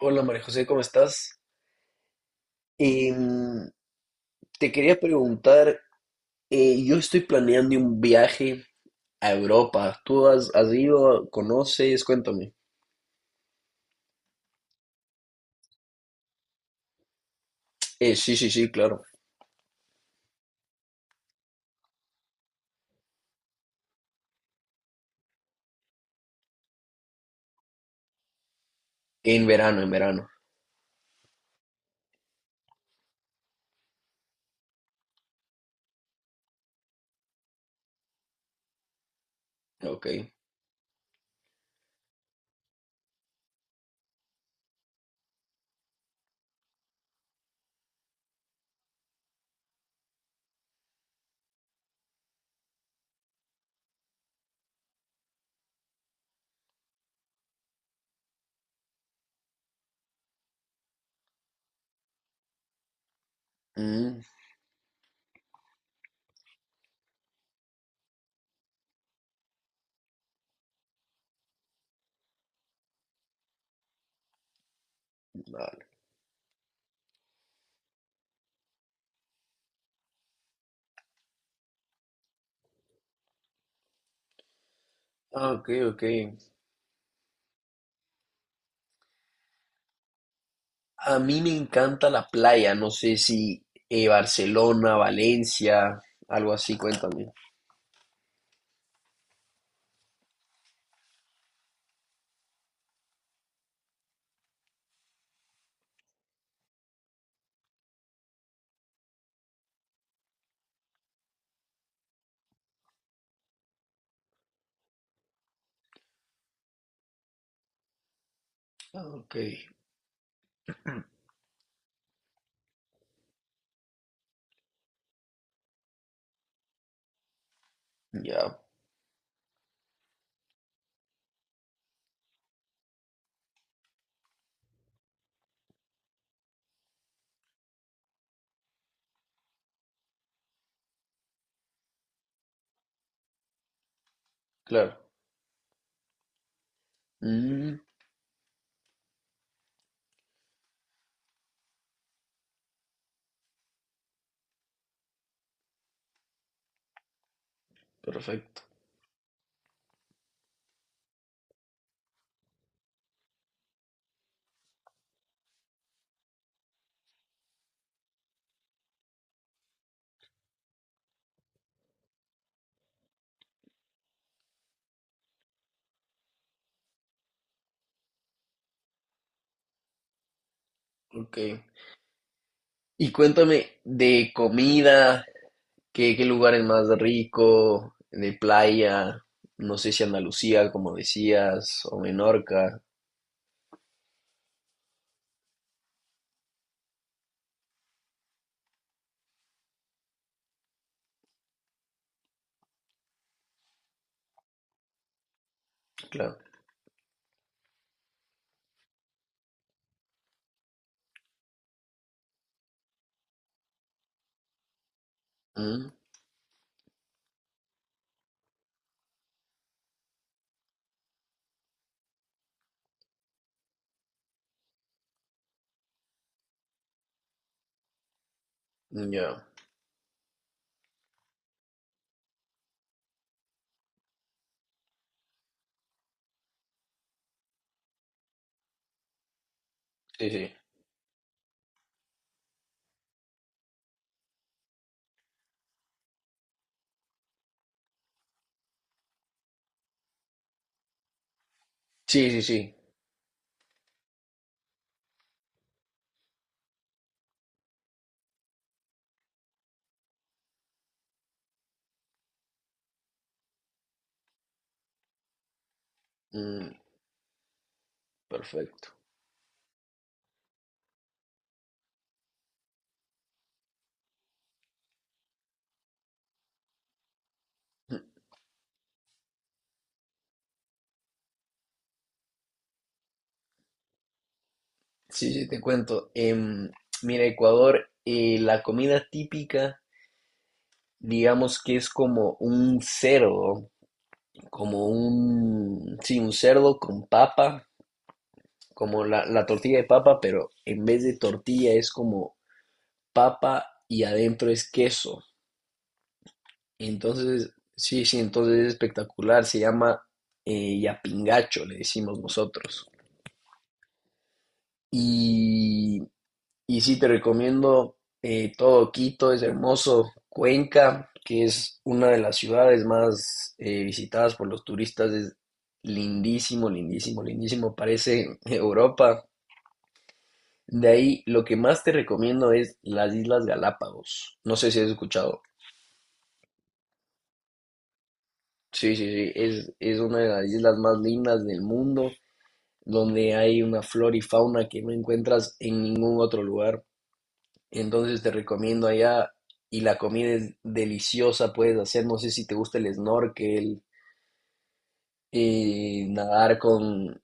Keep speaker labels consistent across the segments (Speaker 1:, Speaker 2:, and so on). Speaker 1: Hola María José, ¿cómo estás? Em, Te quería preguntar, yo estoy planeando un viaje a Europa. ¿Tú has ido? ¿Conoces? Cuéntame. Sí, sí, sí, claro. En verano, en verano. Ok. Mm, vale. Ah, ok, ok. A mí me encanta la playa. No sé si Barcelona, Valencia, algo así, cuéntame. Ah, ok. Ya, claro. Mm, perfecto. Ok. Y cuéntame de comida. ¿Qué lugar es más rico de playa? No sé si Andalucía, como decías, o Menorca, claro. Mm, ya, sí, sí. Sí, sí, sí. Mm, perfecto. Mm, sí, sí, te cuento. Mira, Ecuador, la comida típica, digamos que es como un cerdo, como un, sí, un cerdo con papa, como la tortilla de papa, pero en vez de tortilla es como papa y adentro es queso. Entonces, sí, sí, entonces es espectacular. Se llama yapingacho, le decimos nosotros. Y, y sí, te recomiendo todo Quito, es hermoso. Cuenca, que es una de las ciudades más visitadas por los turistas, es lindísimo, lindísimo, lindísimo. Parece Europa. De ahí, lo que más te recomiendo es las Islas Galápagos. No sé si has escuchado. Sí, sí, sí, es una de las islas más lindas del mundo. Donde hay una flora y fauna que no encuentras en ningún otro lugar. Entonces te recomiendo allá y la comida es deliciosa, puedes hacer, no sé si te gusta el snorkel y nadar con...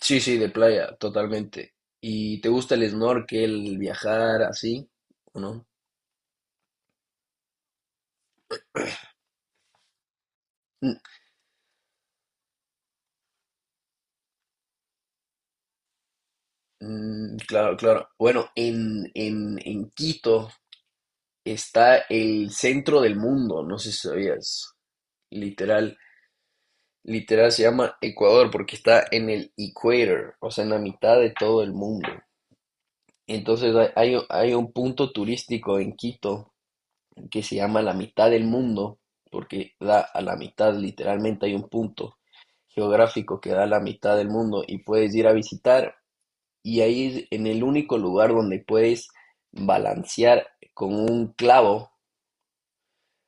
Speaker 1: Sí, sí, de playa, totalmente. ¿Y te gusta el snorkel, viajar así o no? Mm, mm, claro, claro. Bueno, en, en Quito está el centro del mundo, no sé si sabías, literal. Literal se llama Ecuador porque está en el equator, o sea, en la mitad de todo el mundo. Entonces hay un punto turístico en Quito que se llama la mitad del mundo, porque da a la mitad, literalmente hay un punto geográfico que da a la mitad del mundo y puedes ir a visitar y ahí es en el único lugar donde puedes balancear con un clavo,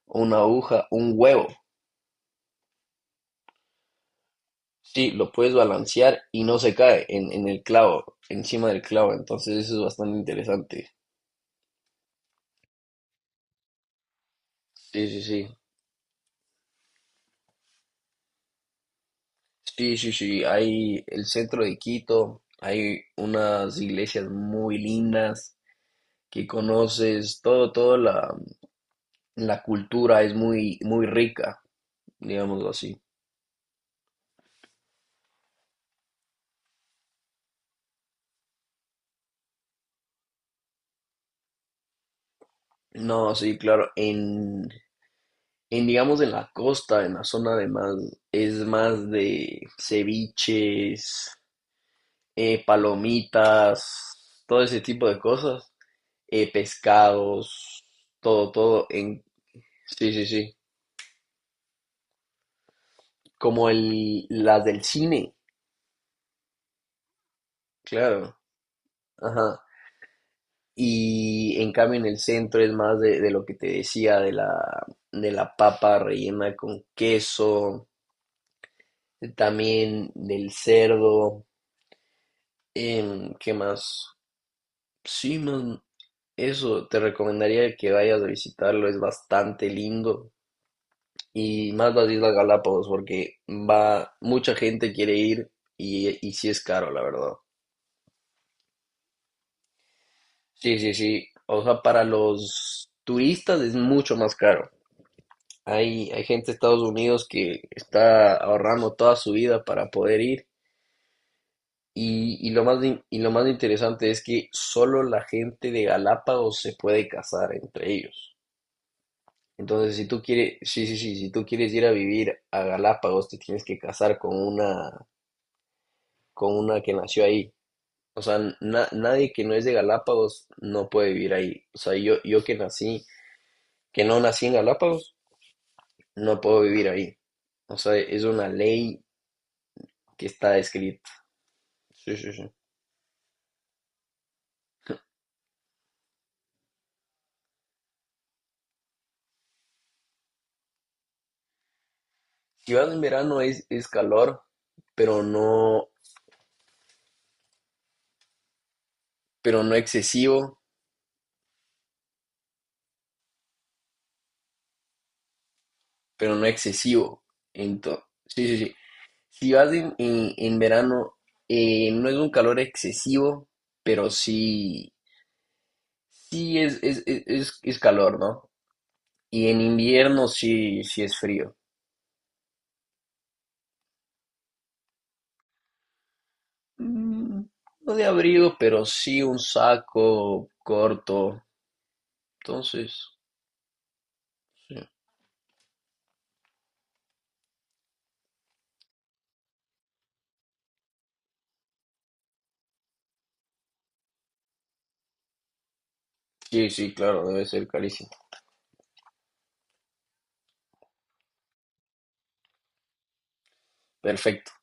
Speaker 1: una aguja, un huevo. Sí, lo puedes balancear y no se cae en el clavo, encima del clavo. Entonces eso es bastante interesante. Sí, sí, sí. Sí, sí, sí. Hay el centro de Quito, hay unas iglesias muy lindas que conoces, todo, toda la cultura es muy, muy rica, digámoslo así. No, sí, claro. En, digamos, en la costa, en la zona de más, es más de ceviches, palomitas, todo ese tipo de cosas, pescados, todo, todo en... Sí, sí, sí, como el, las del cine, claro, ajá. Y en cambio en el centro es más de lo que te decía, de la papa rellena con queso, también del cerdo, ¿qué más? Sí, man, eso, te recomendaría que vayas a visitarlo, es bastante lindo. Y más las Islas Galápagos, porque va, mucha gente quiere ir y sí es caro, la verdad. Sí, sí, sí. O sea, para los turistas es mucho más caro. Hay gente de Estados Unidos que está ahorrando toda su vida para poder ir. Y lo más interesante es que solo la gente de Galápagos se puede casar entre ellos. Entonces, si tú quieres, sí, sí, sí, si tú quieres ir a vivir a Galápagos, te tienes que casar con una que nació ahí. O sea, nadie que no es de Galápagos no puede vivir ahí. O sea, yo que nací, que no nací en Galápagos, no puedo vivir ahí. O sea, es una ley que está escrita. Sí, sí, sí. Si vas en verano es calor, pero no, pero no excesivo, pero no excesivo. Entonces, sí, sí, sí. Si vas en, en verano, no es un calor excesivo, pero sí, sí es calor, ¿no? Y en invierno sí, sí es frío. Mm, No de abrigo, pero sí un saco corto. Entonces, sí, sí, sí, claro, debe ser carísimo. Perfecto